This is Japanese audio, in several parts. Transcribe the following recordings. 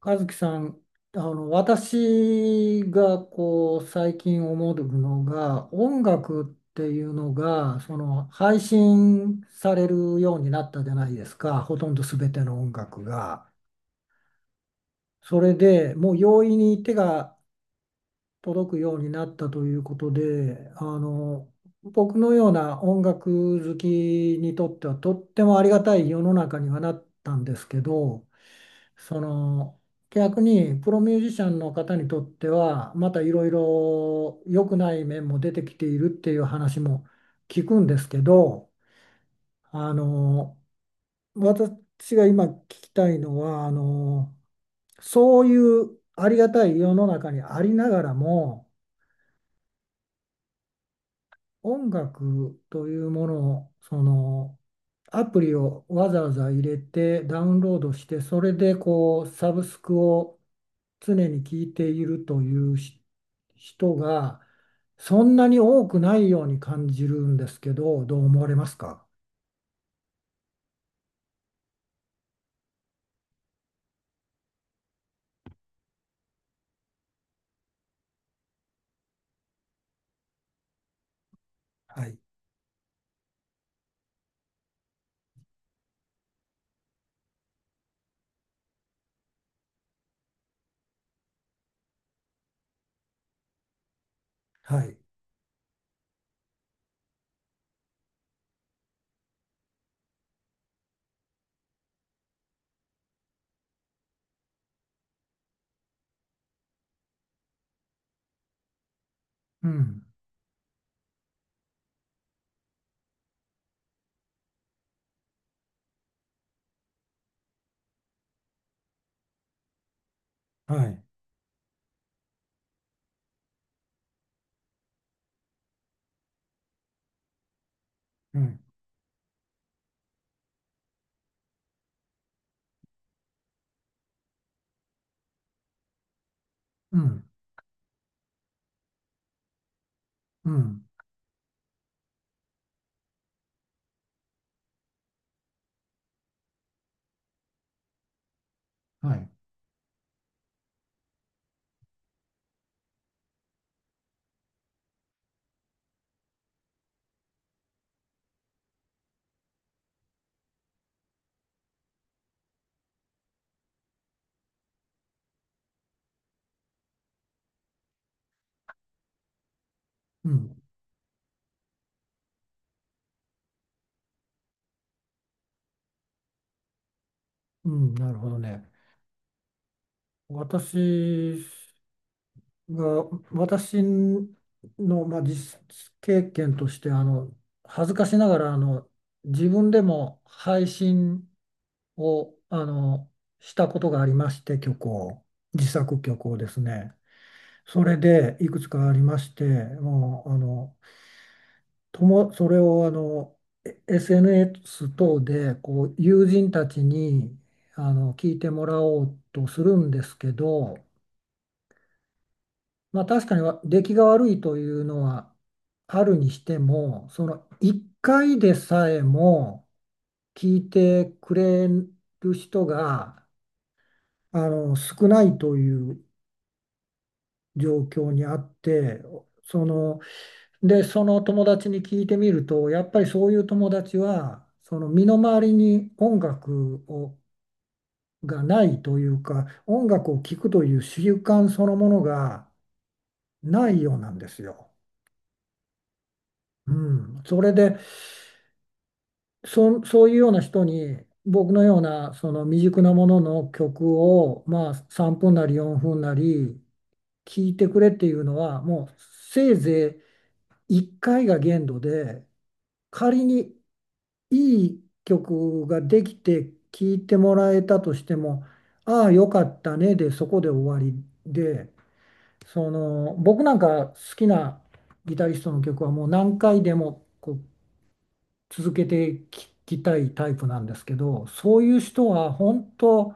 和樹さん、私がこう最近思うのが音楽っていうのがその配信されるようになったじゃないですか、ほとんど全ての音楽が。それでもう容易に手が届くようになったということで、僕のような音楽好きにとってはとってもありがたい世の中にはなったんですけど。その逆にプロミュージシャンの方にとってはまたいろいろ良くない面も出てきているっていう話も聞くんですけど、あの私が今聞きたいのは、そういうありがたい世の中にありながらも音楽というものを、アプリをわざわざ入れてダウンロードして、それでこうサブスクを常に聴いているというし人がそんなに多くないように感じるんですけど、どう思われますか？はい、はい、うん、はい、うん、うん、うん、はい、うん、うん、なるほどね。私が私の、まあ、実経験として、恥ずかしながら自分でも配信をしたことがありまして、曲を、自作曲をですね、それでいくつかありまして、もうあのともそれをあのえ SNS 等でこう友人たちに聞いてもらおうとするんですけど、まあ確かにわ出来が悪いというのはあるにしても、その1回でさえも聞いてくれる人が少ないという状況にあって、その、その友達に聞いてみると、やっぱりそういう友達は、その身の回りに音楽をがないというか、音楽を聴くという習慣そのものがないようなんですよ。うん、それで、そう、そういうような人に僕のようなその未熟なものの曲をまあ3分なり4分なり聞いてくれっていうのはもうせいぜい1回が限度で、仮にいい曲ができて聞いてもらえたとしてもああよかったねでそこで終わりで、その僕なんか好きなギタリストの曲はもう何回でもこう続けて聞きたいタイプなんですけど、そういう人は本当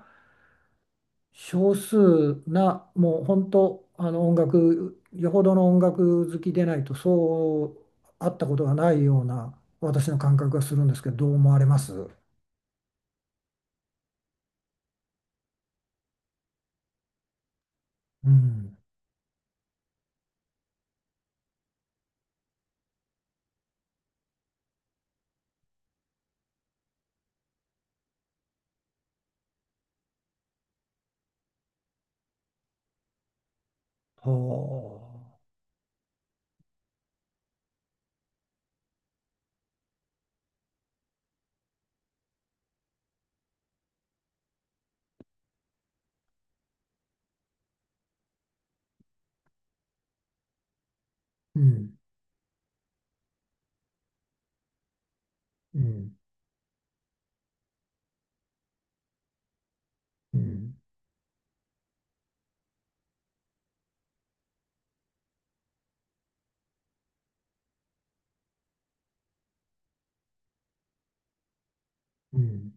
少数な、もう本当音楽、よほどの音楽好きでないとそう会ったことがないような私の感覚がするんですけど、どう思われます？うん。はあ。うん。うん。うん。うん。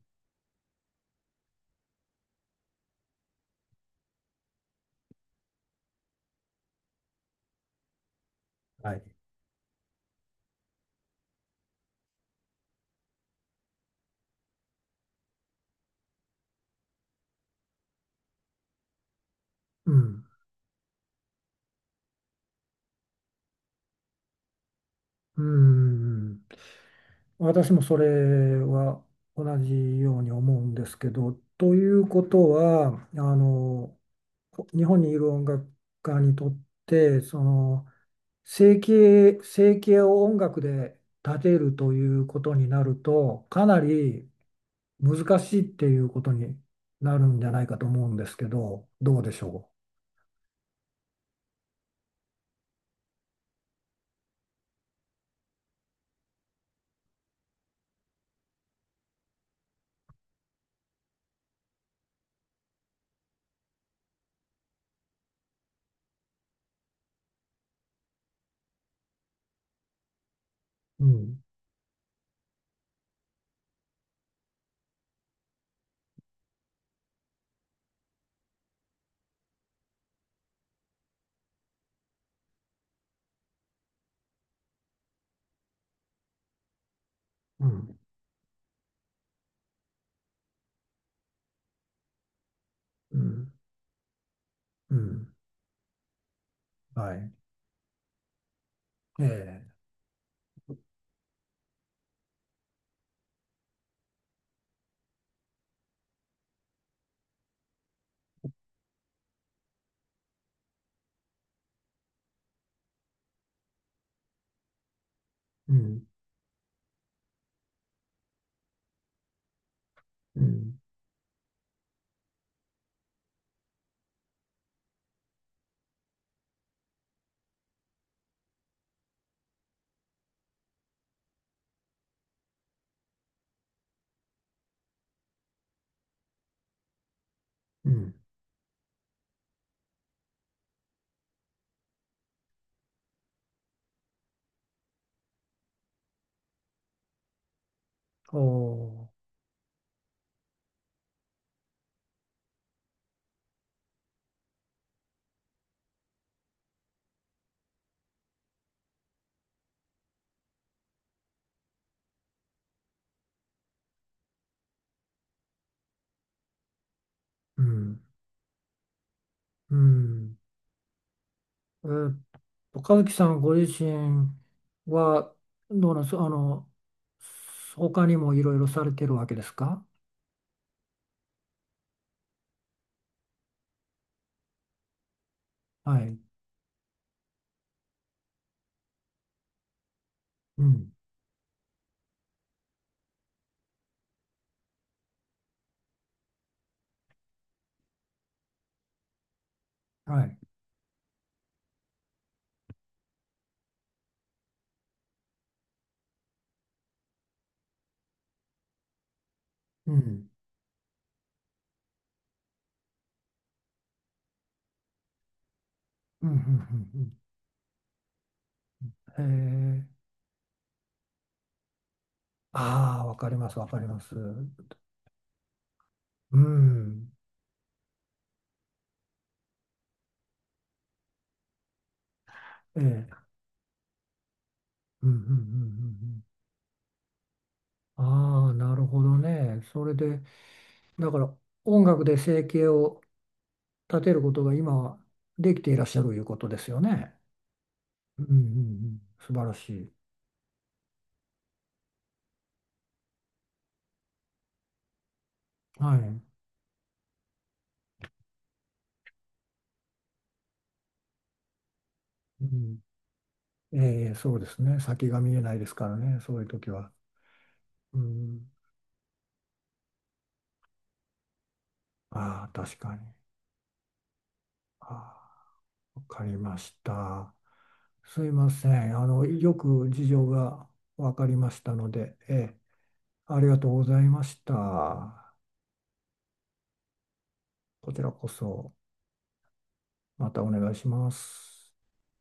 はい。うん。うん。私もそれは同じように思うんですけど、ということは、あの、日本にいる音楽家にとって、生計を音楽で立てるということになると、かなり難しいっていうことになるんじゃないかと思うんですけど、どうでしょう？うん、うん、うん、うん、はい。ええ、うん、うん、うん。おー、うん、うん。えーっ和樹さんご自身は、どうなんですか、あの、他にもいろいろされてるわけですか？はい。うん。はい。うん。うん。うん。うん、うん、へえ。ああ、わかります、わかります。うん。ええ。うん。うん。うん。うん、ああ、なるほどね。それで、だから音楽で生計を立てることが今はできていらっしゃるということですよね。うん。うん。うん、素晴らしい。はい。うん、ええ、そうですね。先が見えないですからね、そういう時は。うん。ああ、確かに。ああ、わかりました。すいません。あの、よく事情がわかりましたので、ええ、ありがとうございました。こちらこそ、またお願いします。